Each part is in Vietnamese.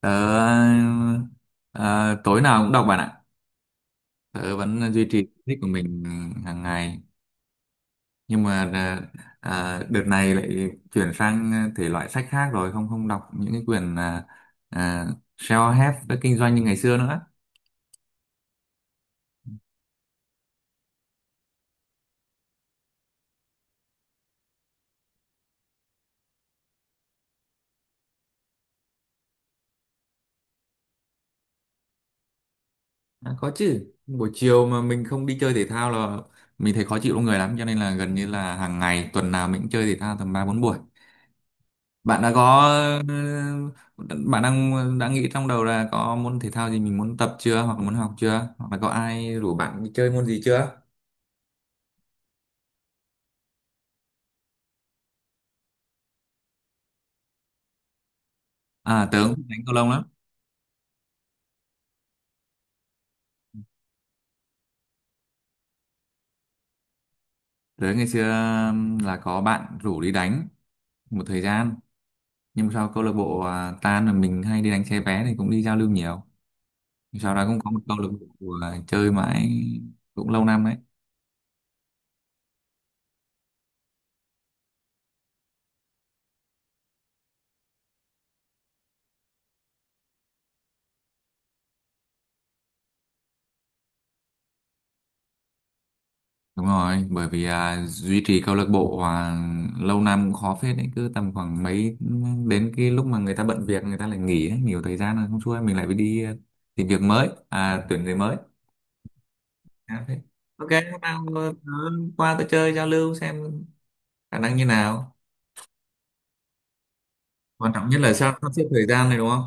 Tớ ờ, tối nào cũng đọc bạn ạ. Tớ vẫn duy trì thích của mình hàng ngày. Nhưng mà đợt này lại chuyển sang thể loại sách khác rồi, không không đọc những cái quyển self-help đã kinh doanh như ngày xưa nữa. À, có chứ. Buổi chiều mà mình không đi chơi thể thao là mình thấy khó chịu trong người lắm, cho nên là gần như là hàng ngày tuần nào mình cũng chơi thể thao tầm 3 4 buổi. bạn đã có bạn đã nghĩ trong đầu là có môn thể thao gì mình muốn tập chưa, hoặc là muốn học chưa, hoặc là có ai rủ bạn đi chơi môn gì chưa? À, tớ cũng thích đánh cầu lông lắm. Tớ ngày xưa là có bạn rủ đi đánh một thời gian. Nhưng mà sau câu lạc bộ à, tan là mình hay đi đánh xe vé thì cũng đi giao lưu nhiều. Sau đó cũng có một câu lạc bộ à, chơi mãi cũng lâu năm đấy. Đúng rồi, bởi vì à, duy trì câu lạc bộ à, lâu năm cũng khó phết đấy, cứ tầm khoảng mấy đến cái lúc mà người ta bận việc người ta lại nghỉ ấy, nhiều thời gian là không xuôi mình lại phải đi à, tìm việc mới, à tuyển người mới. À, thế. Ok, hôm nào qua tôi chơi giao lưu xem khả năng như nào. Quan trọng nhất là sao sắp xếp thời gian này đúng không?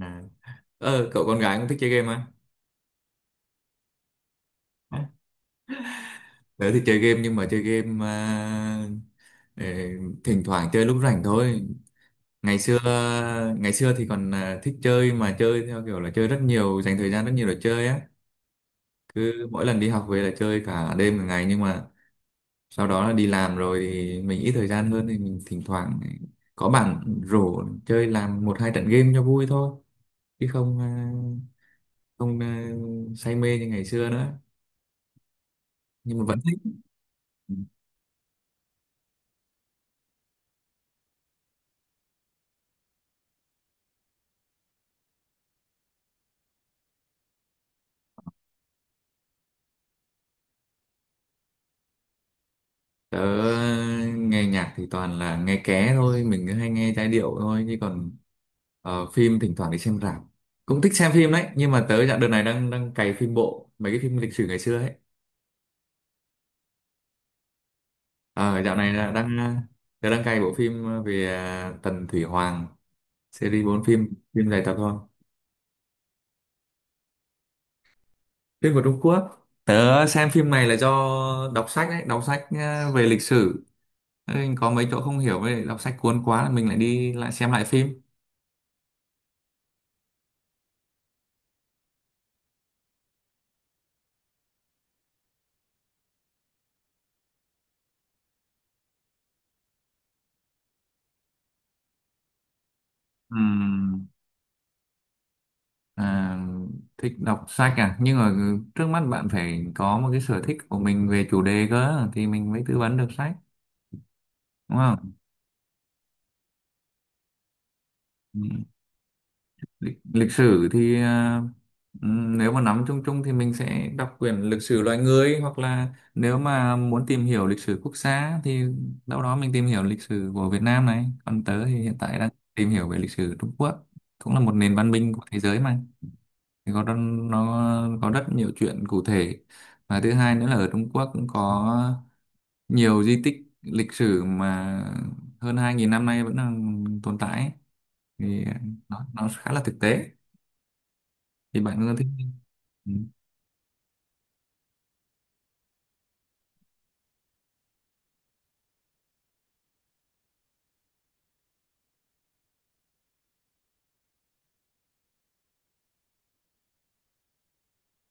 À. Ờ, cậu con gái cũng thích chơi game à? Hả? Tớ thì chơi game nhưng mà chơi game à, ờ, thỉnh thoảng chơi lúc rảnh thôi. Ngày xưa ngày xưa thì còn à, thích chơi, mà chơi theo kiểu là chơi rất nhiều, dành thời gian rất nhiều để chơi á, cứ mỗi lần đi học về là chơi cả đêm cả ngày. Nhưng mà sau đó là đi làm rồi thì mình ít thời gian hơn, thì mình thỉnh thoảng có bạn rủ chơi làm một hai trận game cho vui thôi, chứ không à, không à, say mê như ngày xưa nữa, nhưng mà vẫn thích. Tớ nghe nhạc thì toàn là nghe ké thôi, mình cứ hay nghe giai điệu thôi, chứ còn phim thỉnh thoảng đi xem rạp. Cũng thích xem phim đấy, nhưng mà tớ dạo đợt này đang đang cày phim bộ, mấy cái phim lịch sử ngày xưa ấy. Ờ dạo này là tớ đang cày bộ phim về à, Tần Thủy Hoàng, series 4 phim, phim dài tập thôi. Phim của Trung Quốc. Tớ xem phim này là do đọc sách đấy, đọc sách à, về lịch sử. Thế nên có mấy chỗ không hiểu, với lại đọc sách cuốn quá là mình lại đi lại xem lại phim. Ừ. À, thích đọc sách à, nhưng mà trước mắt bạn phải có một cái sở thích của mình về chủ đề cơ, thì mình mới tư vấn được sách, đúng không? Ừ. Lịch sử thì à, ừ, nếu mà nắm chung chung thì mình sẽ đọc quyển lịch sử loài người, hoặc là nếu mà muốn tìm hiểu lịch sử quốc gia thì đâu đó mình tìm hiểu lịch sử của Việt Nam này, còn tớ thì hiện tại đang tìm hiểu về lịch sử Trung Quốc, cũng là một nền văn minh của thế giới mà. Thì có nó có rất nhiều chuyện cụ thể, và thứ hai nữa là ở Trung Quốc cũng có nhiều di tích lịch sử mà hơn 2.000 năm nay vẫn đang tồn tại ấy. Thì nó khá là thực tế. Thì bạn có thích? Ừ.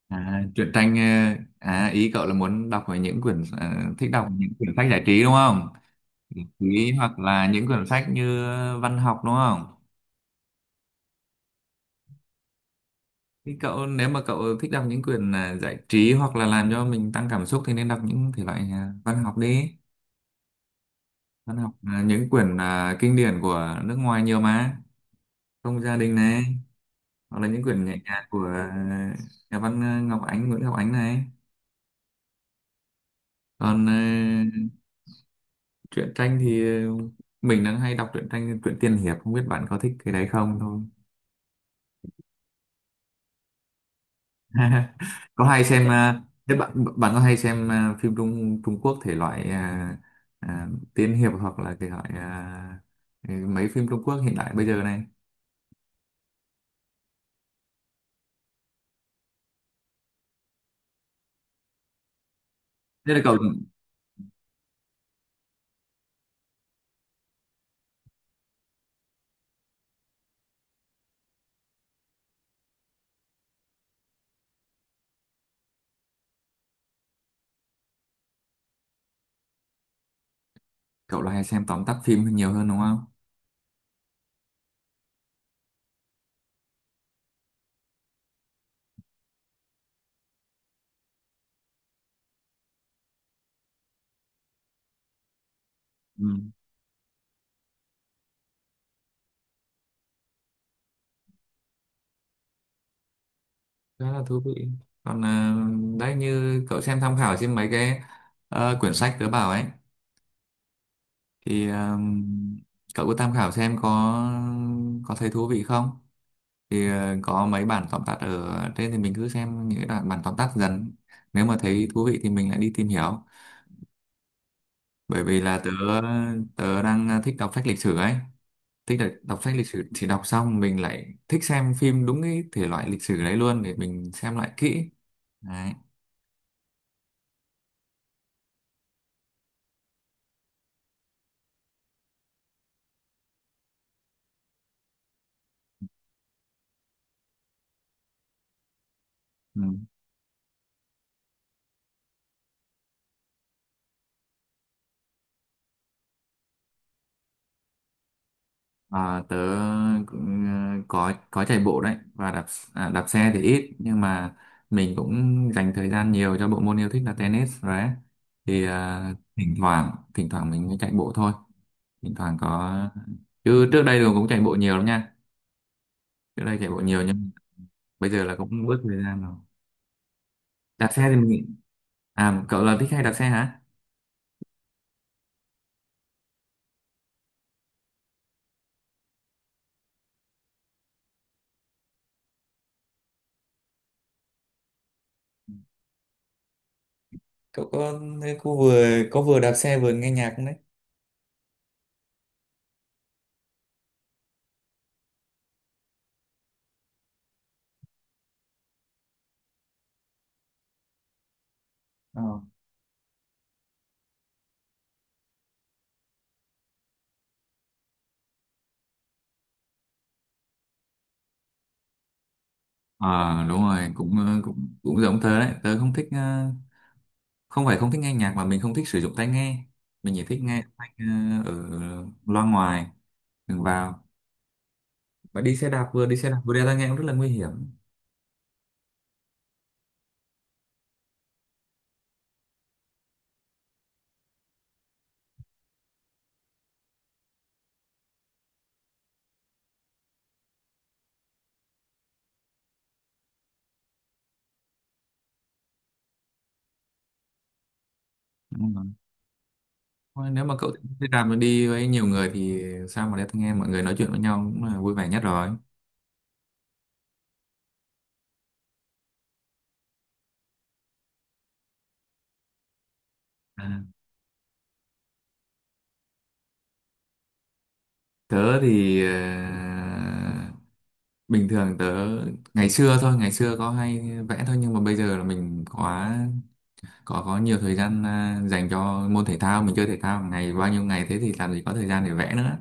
À, truyện tranh à, ý cậu là muốn đọc về những quyển thích đọc những quyển sách giải trí đúng không? Giải trí, hoặc là những quyển sách như văn học đúng không? Thì cậu, nếu mà cậu thích đọc những quyển à, giải trí hoặc là làm cho mình tăng cảm xúc, thì nên đọc những thể loại à, văn học đi. Văn học là những quyển à, kinh điển của nước ngoài nhiều mà, Không gia đình này, hoặc là những quyển nhẹ nhàng của à, nhà văn à, Ngọc Ánh, Nguyễn Ngọc Ánh này. Còn à, truyện tranh thì à, mình đang hay đọc truyện tranh, truyện tiên hiệp, không biết bạn có thích cái đấy không thôi. Có hay xem à, thế bạn bạn có hay xem à, phim Trung Trung Quốc thể loại à, à, tiên hiệp hoặc là thể loại à, mấy phim Trung Quốc hiện đại bây giờ này? Thế là cậu cậu là hay xem tóm tắt phim nhiều hơn đúng không? Ừ. Khá là thú vị. Còn à, đấy như cậu xem tham khảo trên mấy cái quyển sách tớ bảo ấy, thì à, cậu có tham khảo xem có thấy thú vị không. Thì có mấy bản tóm tắt ở trên, thì mình cứ xem những cái đoạn bản tóm tắt dần, nếu mà thấy thú vị thì mình lại đi tìm hiểu. Bởi vì là tớ tớ đang thích đọc sách lịch sử ấy, thích đọc sách lịch sử, thì đọc xong mình lại thích xem phim đúng cái thể loại lịch sử đấy luôn, để mình xem lại kỹ đấy. Ừ. À, tớ cũng có chạy bộ đấy, và đạp xe thì ít, nhưng mà mình cũng dành thời gian nhiều cho bộ môn yêu thích là tennis rồi đấy. Thì thỉnh thoảng mình mới chạy bộ thôi, thỉnh thoảng có. Chứ trước đây rồi cũng chạy bộ nhiều lắm nha, trước đây chạy bộ nhiều nhưng bây giờ là cũng bớt thời gian rồi. Đạp xe thì mình, à, cậu là thích hay đạp xe hả? Cậu có vừa đạp xe vừa nghe nhạc không đấy? Ờ. Ờ, đúng rồi, cũng ờ, cũng cũng giống tớ đấy, tớ không thích không phải không thích nghe nhạc, mà mình không thích sử dụng tai nghe. Mình chỉ thích nghe thanh ở loa ngoài, đừng vào. Và đi xe đạp vừa đi xe đạp vừa đeo tai nghe cũng rất là nguy hiểm. Đúng rồi. Thôi, nếu mà cậu thích xe đạp mà đi với nhiều người, thì sao mà đeo tai nghe, mọi người nói chuyện với nhau cũng là vui vẻ nhất rồi. À, tớ thì bình thường tớ ngày xưa thôi, ngày xưa có hay vẽ thôi, nhưng mà bây giờ là mình có nhiều thời gian dành cho môn thể thao, mình chơi thể thao ngày bao nhiêu ngày thế thì làm gì có thời gian để vẽ nữa.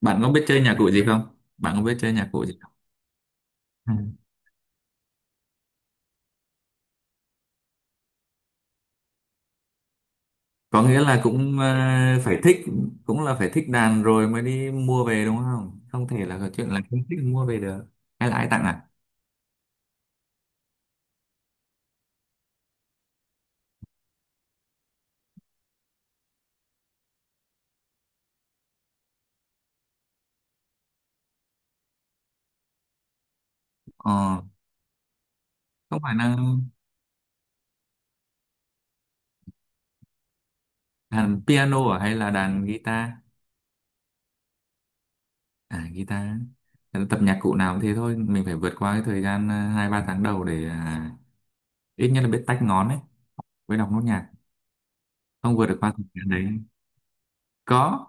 Bạn có biết chơi nhạc cụ gì không? Bạn có biết chơi nhạc cụ gì không? Ừ. Có nghĩa là cũng phải thích, cũng là phải thích đàn rồi mới đi mua về đúng không? Không thể là có chuyện là không thích mua về được. Hay là ai tặng à? Ờ, không phải là đàn piano à, hay là đàn guitar? À, guitar. Ờ, tập nhạc cụ nào cũng thế thôi, mình phải vượt qua cái thời gian 2 3 tháng đầu để à, ít nhất là biết tách ngón ấy, với đọc nốt nhạc. Không vượt được qua thời gian đấy. Có,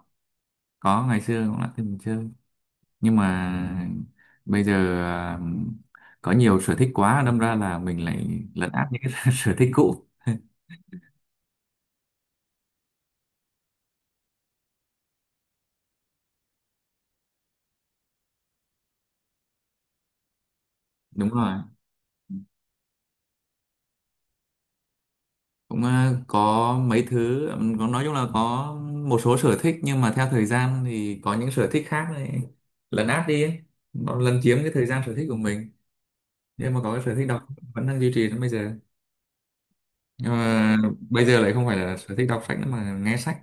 có ngày xưa cũng đã từng chơi. Nhưng mà bây giờ à, có nhiều sở thích quá, đâm ra là mình lại lấn át những cái sở thích cũ. Đúng rồi, cũng à, có mấy thứ có, nói chung là có một số sở thích, nhưng mà theo thời gian thì có những sở thích khác này lấn át đi ấy, nó lấn chiếm cái thời gian sở thích của mình. Nhưng mà có cái sở thích đọc vẫn đang duy trì đến bây giờ. Nhưng mà bây giờ lại không phải là sở thích đọc sách nữa, mà nghe sách.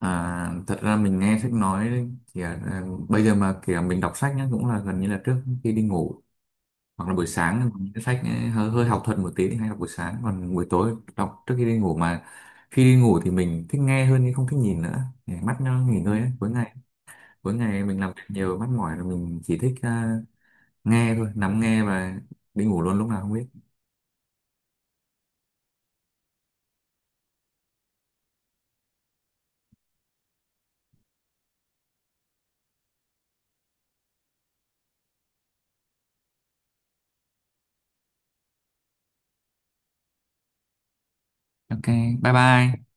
À, thật ra mình nghe sách nói thì à, bây giờ mà kiểu mình đọc sách nhá cũng là gần như là trước khi đi ngủ, hoặc là buổi sáng. Những cái sách ấy, hơi học thuật một tí thì hay đọc buổi sáng, còn buổi tối đọc trước khi đi ngủ. Mà khi đi ngủ thì mình thích nghe hơn, nhưng không thích nhìn nữa, để mắt nó nghỉ ngơi ấy. Cuối ngày mình làm việc nhiều mắt mỏi rồi, mình chỉ thích à, nghe thôi, nắm nghe và đi ngủ luôn lúc nào không biết. Ok. Bye bye.